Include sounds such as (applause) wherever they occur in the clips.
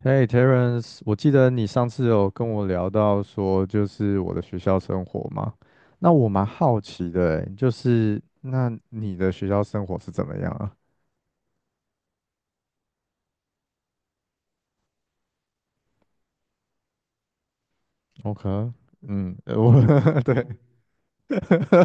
Hey Terence，我记得你上次有跟我聊到说，就是我的学校生活嘛。那我蛮好奇的欸，就是那你的学校生活是怎么样啊？OK。(laughs) 嗯。(laughs) 对。(laughs)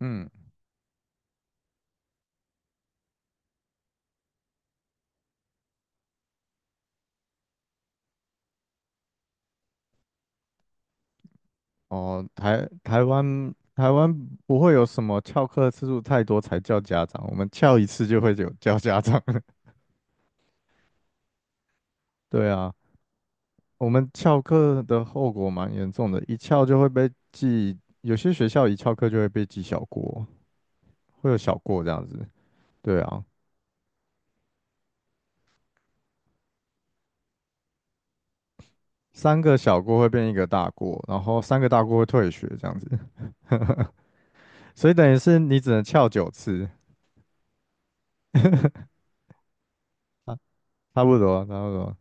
嗯。哦，台湾不会有什么翘课次数太多才叫家长，我们翘一次就会有叫家长。(laughs) 对啊。我们翘课的后果蛮严重的，一翘就会被记，有些学校一翘课就会被记小过，会有小过这样子。对啊，三个小过会变一个大过，然后三个大过会退学这样子。(laughs) 所以等于是你只能翘9次。差不多，差不多。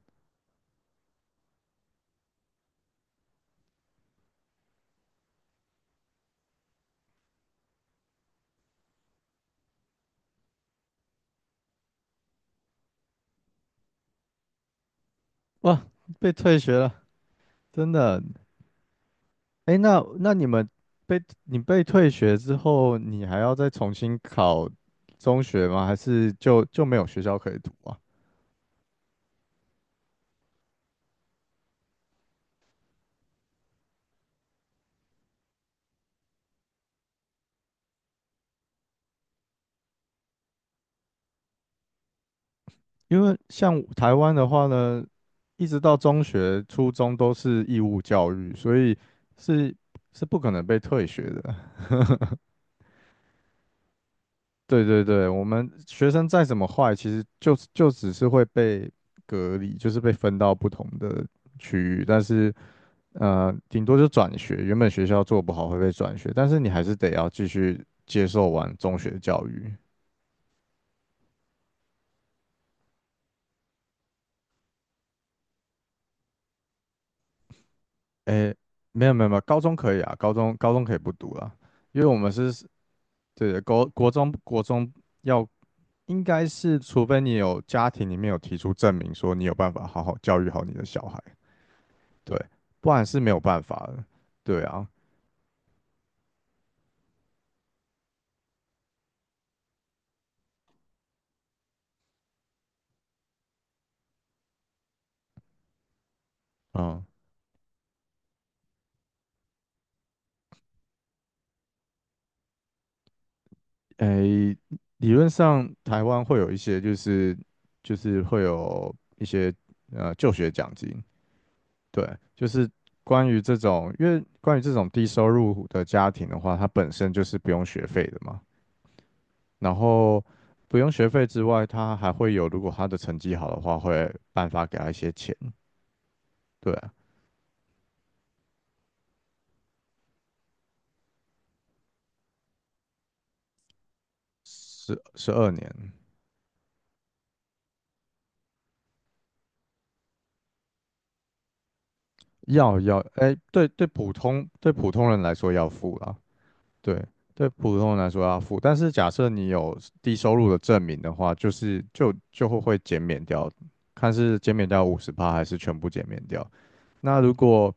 哇，被退学了，真的。哎，那你们被你被退学之后，你还要再重新考中学吗？还是就没有学校可以读啊？因为像台湾的话呢，一直到中学、初中都是义务教育，所以是是不可能被退学的。(laughs) 对对对，我们学生再怎么坏，其实就只是会被隔离，就是被分到不同的区域，但是顶多就转学，原本学校做不好会被转学，但是你还是得要继续接受完中学教育。诶，没有没有没有，高中可以啊，高中可以不读啦，因为我们是对的，国中要应该是，除非你有家庭里面有提出证明说你有办法好好教育好你的小孩，对，不然是没有办法的。对啊，嗯，诶，理论上台湾会有一些就是会有一些就学奖金，对，就是关于这种，因为关于这种低收入户的家庭的话，它本身就是不用学费的嘛，然后不用学费之外，他还会有，如果他的成绩好的话，会颁发给他一些钱。对啊，十二年要要，哎，对对，普通人来说要付啦，对对，普通人来说要付。但是假设你有低收入的证明的话，就是就会减免掉，看是减免掉50%还是全部减免掉。那如果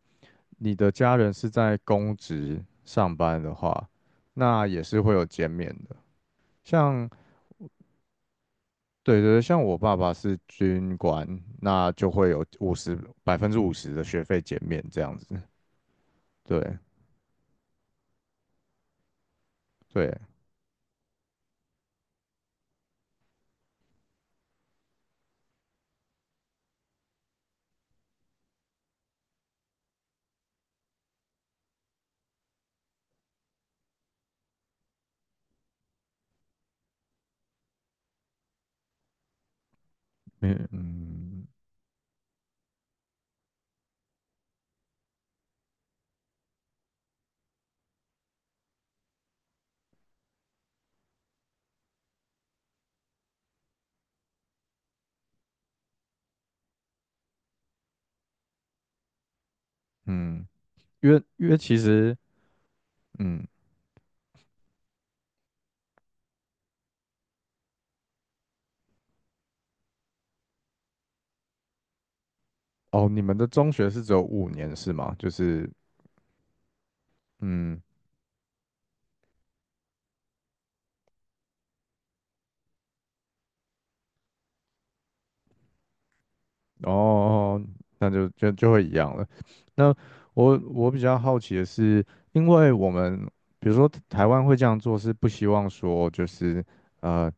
你的家人是在公职上班的话，那也是会有减免的。像对对对，像我爸爸是军官，那就会有50%的学费减免这样子。对对，嗯嗯嗯，因为其实，嗯。哦，你们的中学是只有5年是吗？就是嗯哦。哦，那就会一样了。那我比较好奇的是，因为我们比如说台湾会这样做，是不希望说呃，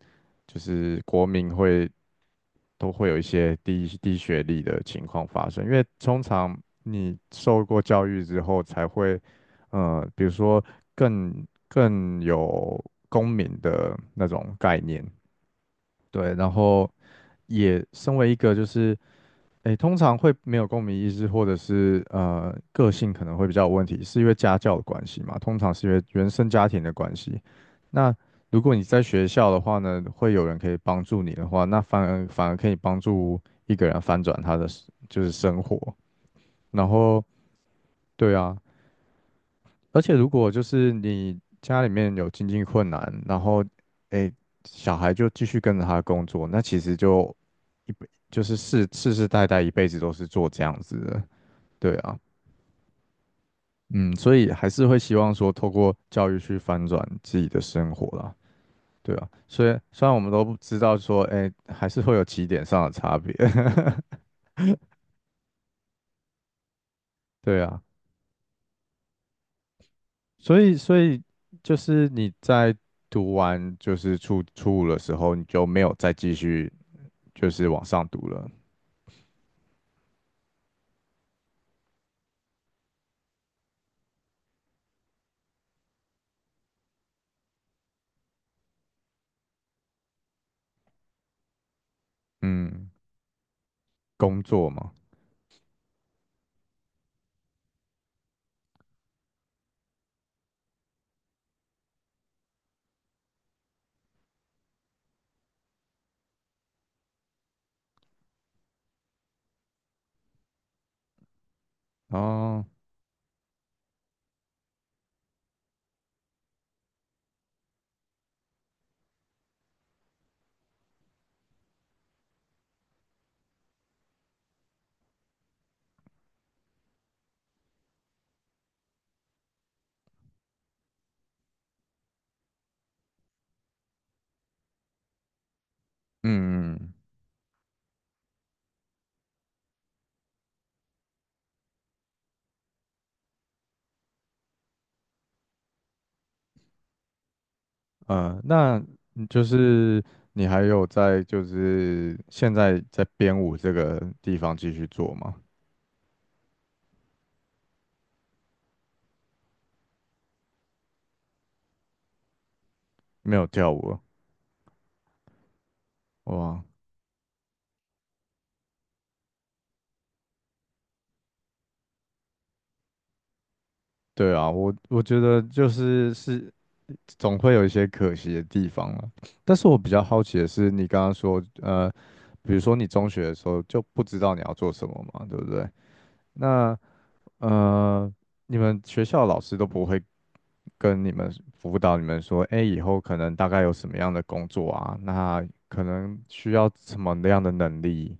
就是国民会都会有一些低学历的情况发生，因为通常你受过教育之后才会比如说更有公民的那种概念。对，然后也身为一个就是，诶，通常会没有共鸣意识，或者是个性可能会比较有问题，是因为家教的关系嘛？通常是因为原生家庭的关系。那如果你在学校的话呢，会有人可以帮助你的话，那反而可以帮助一个人翻转他的就是生活。然后，对啊，而且如果就是你家里面有经济困难，然后诶小孩就继续跟着他工作，那其实就就是世世代代一辈子都是做这样子的。对啊，嗯，所以还是会希望说透过教育去翻转自己的生活啦，对啊，所以虽然我们都不知道说，诶，还是会有起点上的差别。(laughs) 对啊，所以就是你在读完就是初五的时候，你就没有再继续。就是往上读了。嗯，工作嘛，哦。嗯嗯。那你就是你还有在就是现在在编舞这个地方继续做吗？没有跳舞了。哇，对啊，我觉得就是总会有一些可惜的地方了。但是我比较好奇的是，你刚刚说，比如说你中学的时候就不知道你要做什么嘛，对不对？那呃，你们学校老师都不会跟你们辅导你们说，哎，以后可能大概有什么样的工作啊？那可能需要什么样的能力？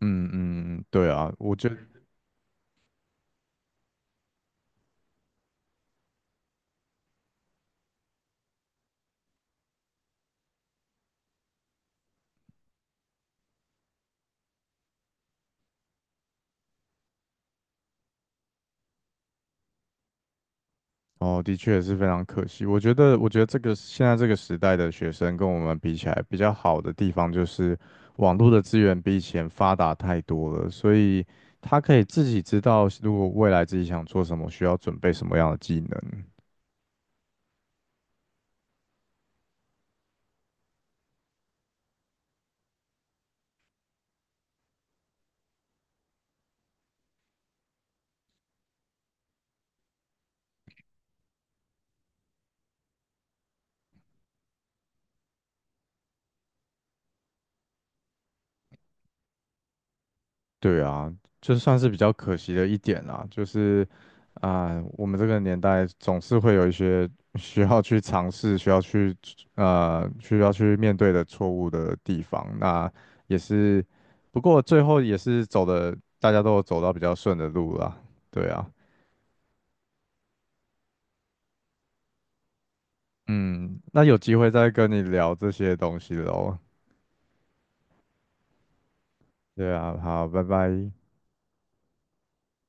嗯嗯，嗯对啊，我觉得。哦，的确是非常可惜。我觉得这个现在这个时代的学生跟我们比起来，比较好的地方就是网络的资源比以前发达太多了，所以他可以自己知道，如果未来自己想做什么，需要准备什么样的技能。对啊，就算是比较可惜的一点啦，就是啊、我们这个年代总是会有一些需要去尝试、需要去、需要去面对的错误的地方。那也是，不过最后也是走的，大家都有走到比较顺的路啦。对啊，嗯，那有机会再跟你聊这些东西喽。对啊，好，拜拜。